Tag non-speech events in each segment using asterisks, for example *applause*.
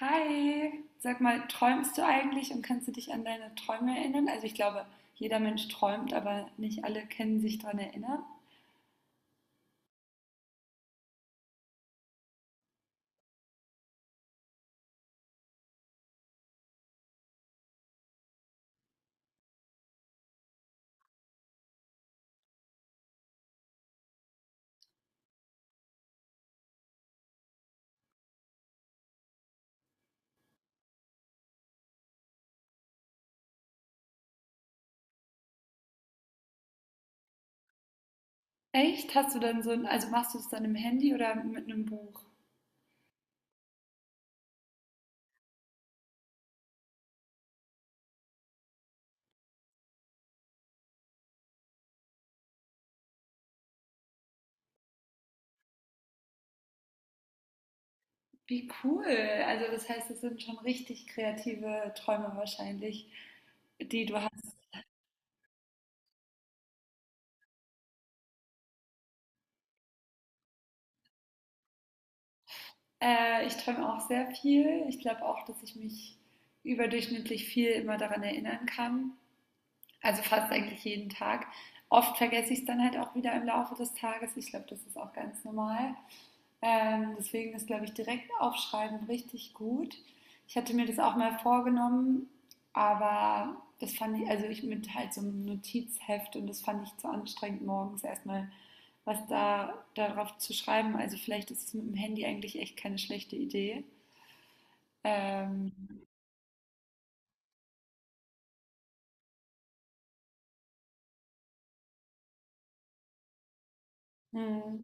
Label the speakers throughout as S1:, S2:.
S1: Hi, sag mal, träumst du eigentlich und kannst du dich an deine Träume erinnern? Also ich glaube, jeder Mensch träumt, aber nicht alle können sich daran erinnern. Echt? Hast du dann so ein, also machst du es dann im Handy oder mit einem Buch? Wie cool. Also das heißt, es sind schon richtig kreative Träume wahrscheinlich, die du hast. Ich träume auch sehr viel. Ich glaube auch, dass ich mich überdurchschnittlich viel immer daran erinnern kann. Also fast eigentlich jeden Tag. Oft vergesse ich es dann halt auch wieder im Laufe des Tages. Ich glaube, das ist auch ganz normal. Deswegen ist, glaube ich, direkt aufschreiben richtig gut. Ich hatte mir das auch mal vorgenommen, aber das fand ich, also ich mit halt so einem Notizheft und das fand ich zu anstrengend, morgens erstmal was da darauf zu schreiben. Also vielleicht ist es mit dem Handy eigentlich echt keine schlechte Idee. Ähm, hm.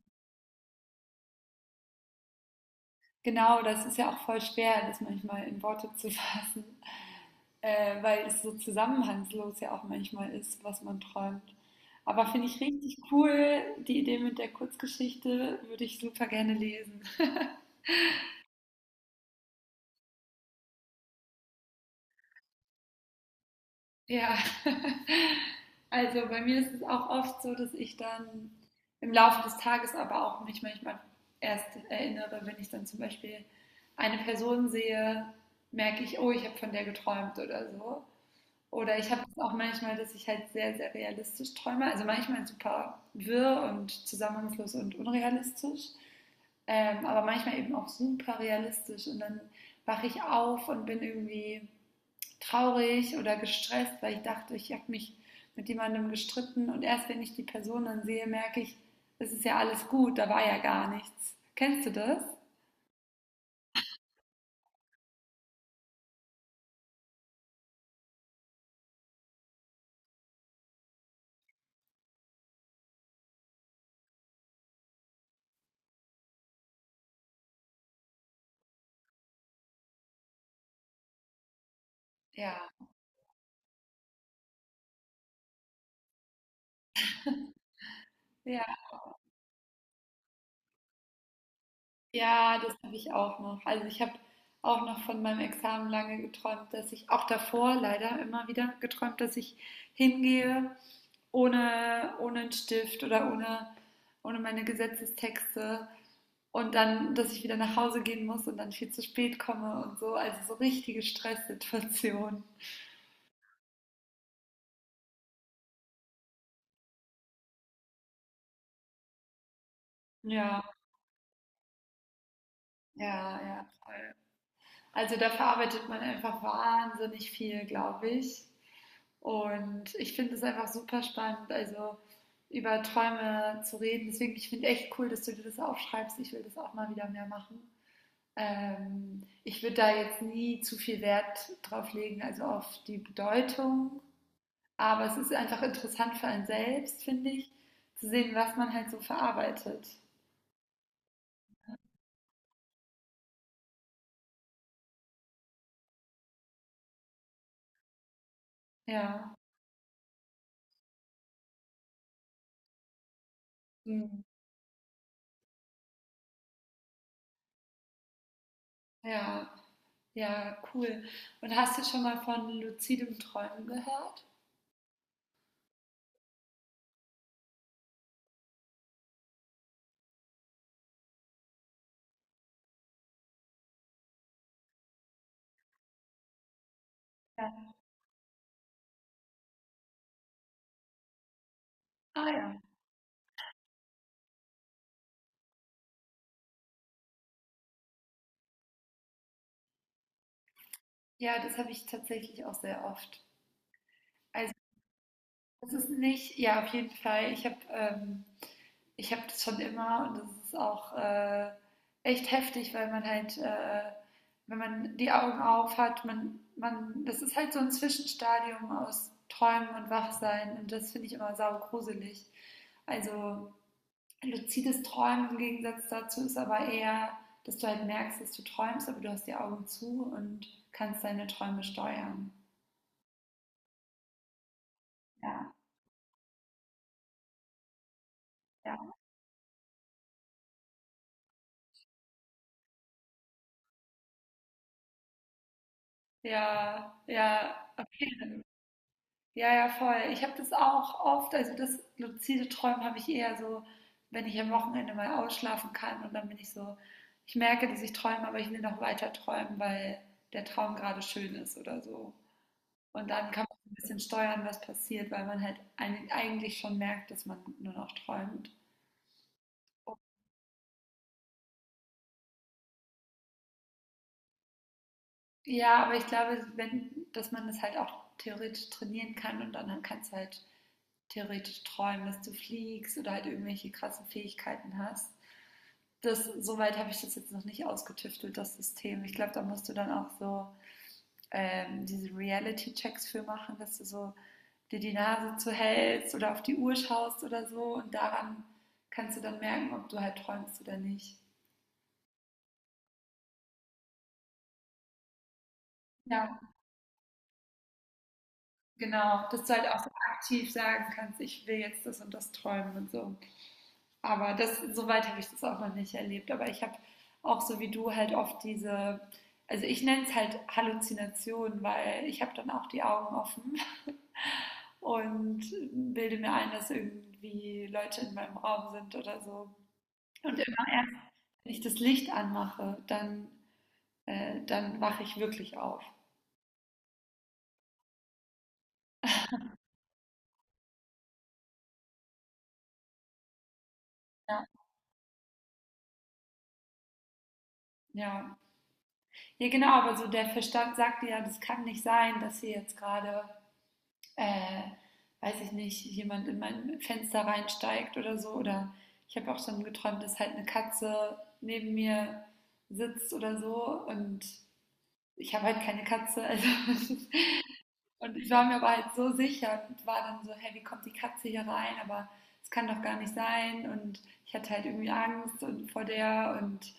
S1: Genau, das ist ja auch voll schwer, das manchmal in Worte zu *laughs* fassen, weil es so zusammenhangslos ja auch manchmal ist, was man träumt. Aber finde ich richtig cool, die Idee mit der Kurzgeschichte würde ich super gerne lesen. *laughs* Ja, *laughs* also bei mir ist es auch oft so, dass ich dann im Laufe des Tages aber auch mich manchmal erst erinnere, wenn ich dann zum Beispiel eine Person sehe, merke ich, oh, ich habe von der geträumt oder so. Oder ich habe das auch manchmal, dass ich halt sehr, sehr realistisch träume. Also manchmal super wirr und zusammenhangslos und unrealistisch. Aber manchmal eben auch super realistisch. Und dann wache ich auf und bin irgendwie traurig oder gestresst, weil ich dachte, ich habe mich mit jemandem gestritten. Und erst wenn ich die Person dann sehe, merke ich, es ist ja alles gut, da war ja gar nichts. Kennst du das? Ja. Ja. Ja, das habe ich auch noch. Also ich habe auch noch von meinem Examen lange geträumt, dass ich auch davor leider immer wieder geträumt, dass ich hingehe ohne einen Stift oder ohne meine Gesetzestexte und dann, dass ich wieder nach Hause gehen muss und dann viel zu spät komme und so. Also so richtige Stresssituation. Ja, ja, ja, voll. Also da verarbeitet man einfach wahnsinnig viel, glaube ich. Und ich finde es einfach super spannend, also über Träume zu reden. Deswegen, ich finde echt cool, dass du dir das aufschreibst. Ich will das auch mal wieder mehr machen. Ich würde da jetzt nie zu viel Wert drauf legen, also auf die Bedeutung. Aber es ist einfach interessant für einen selbst, finde ich, zu sehen, was man halt so verarbeitet. Ja. Mhm. Ja, ja, cool. Und hast du schon mal von luzidem Träumen gehört? Ja. Ah ja. Ja, das habe ich tatsächlich auch sehr oft. Also, das ist nicht ja, auf jeden Fall. Ich habe ich habe das schon immer und das ist auch echt heftig, weil man halt, wenn man die Augen auf hat, das ist halt so ein Zwischenstadium aus Träumen und Wachsein und das finde ich immer saugruselig. Also, luzides Träumen im Gegensatz dazu ist aber eher, dass du halt merkst, dass du träumst, aber du hast die Augen zu und kannst deine Träume steuern. Ja, ja, ja, ja, okay. Ja, ja, voll. Ich habe das auch oft, also das luzide Träumen habe ich eher so, wenn ich am Wochenende mal ausschlafen kann und dann bin ich so, ich merke, dass ich träume, aber ich will noch weiter träumen, weil der Traum gerade schön ist oder so. Und dann kann man so ein bisschen steuern, was passiert, weil man halt eigentlich schon merkt, dass man nur noch träumt. Ja, aber ich glaube, wenn, dass man das halt auch theoretisch trainieren kann und dann kannst du halt theoretisch träumen, dass du fliegst oder halt irgendwelche krassen Fähigkeiten hast. Das, soweit habe ich das jetzt noch nicht ausgetüftelt, das System. Ich glaube, da musst du dann auch so diese Reality-Checks für machen, dass du so dir die Nase zuhältst oder auf die Uhr schaust oder so und daran kannst du dann merken, ob du halt träumst oder nicht. Ja, genau, dass du halt auch so aktiv sagen kannst, ich will jetzt das und das träumen und so. Aber das, soweit habe ich das auch noch nicht erlebt. Aber ich habe auch so wie du halt oft diese, also ich nenne es halt Halluzinationen, weil ich habe dann auch die Augen offen und bilde mir ein, dass irgendwie Leute in meinem Raum sind oder so. Und immer erst, wenn ich das Licht anmache, dann wache ich wirklich auf. Ja. Ja. Ja, genau, aber so der Verstand sagt ja, das kann nicht sein, dass hier jetzt gerade, äh, weiß ich nicht, jemand in mein Fenster reinsteigt oder so. Oder ich habe auch schon geträumt, dass halt eine Katze neben mir sitzt oder so und ich habe halt keine Katze, also *laughs* Und ich war mir aber halt so sicher und war dann so, hey, wie kommt die Katze hier rein? Aber es kann doch gar nicht sein. Und ich hatte halt irgendwie Angst und vor der und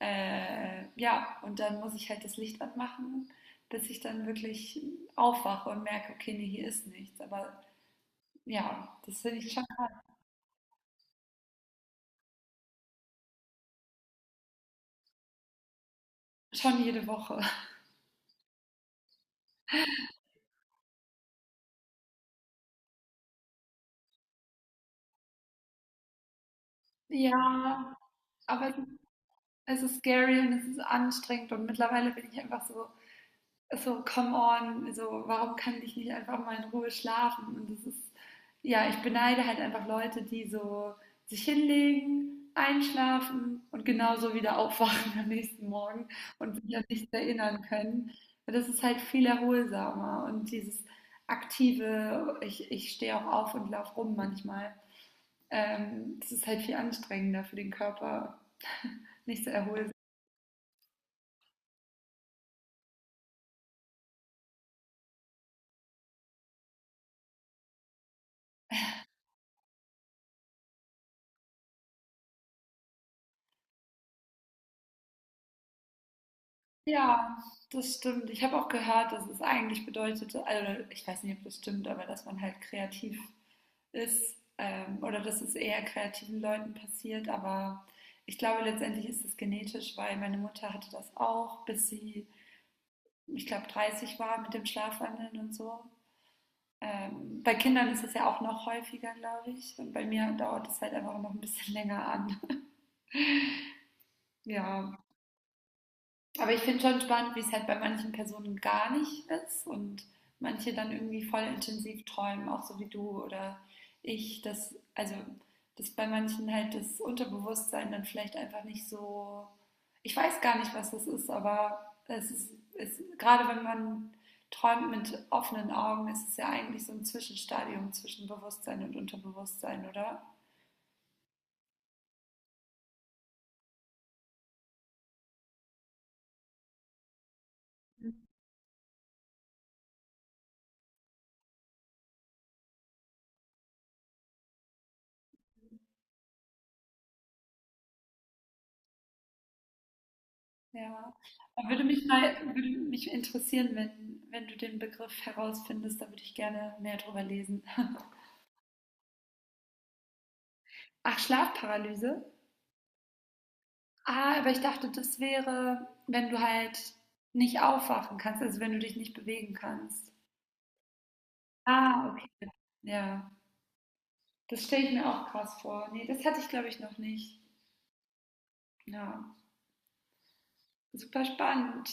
S1: äh, ja, und dann muss ich halt das Licht anmachen, bis ich dann wirklich aufwache und merke, okay, nee, hier ist nichts. Aber ja, das finde ich schon, schon jede Woche. Ja, aber es ist scary und es ist anstrengend und mittlerweile bin ich einfach so, so, come on, so, warum kann ich nicht einfach mal in Ruhe schlafen? Und das ist, ja, ich beneide halt einfach Leute, die so sich hinlegen, einschlafen und genauso wieder aufwachen am nächsten Morgen und sich an nichts erinnern können. Und das ist halt viel erholsamer und dieses aktive, ich stehe auch auf und laufe rum manchmal, das ist halt viel anstrengender für den Körper, *laughs* nicht so erholsam. Ja, das stimmt. Ich habe auch gehört, dass es eigentlich bedeutete, also ich weiß nicht, ob das stimmt, aber dass man halt kreativ ist oder dass es eher kreativen Leuten passiert. Aber ich glaube, letztendlich ist es genetisch, weil meine Mutter hatte das auch, bis sie, ich glaube, 30 war mit dem Schlafwandeln und so. Bei Kindern ist es ja auch noch häufiger, glaube ich. Und bei mir dauert es halt einfach noch ein bisschen länger an. *laughs* Ja, aber ich finde schon spannend, wie es halt bei manchen Personen gar nicht ist und manche dann irgendwie voll intensiv träumen, auch so wie du oder ich, dass, also, dass bei manchen halt das Unterbewusstsein dann vielleicht einfach nicht so, ich weiß gar nicht, was das ist, aber es ist, ist gerade wenn man träumt mit offenen Augen, ist es ja eigentlich so ein Zwischenstadium zwischen Bewusstsein und Unterbewusstsein, oder? Ja. Aber würde mich mal, würde mich interessieren, wenn, wenn du den Begriff herausfindest, da würde ich gerne mehr drüber lesen. Ach, Schlafparalyse? Ah, aber ich dachte, das wäre, wenn du halt nicht aufwachen kannst, also wenn du dich nicht bewegen kannst. Ah, okay. Ja, das stelle ich mir auch krass vor. Nee, das hatte ich, glaube ich, noch nicht. Ja, super spannend.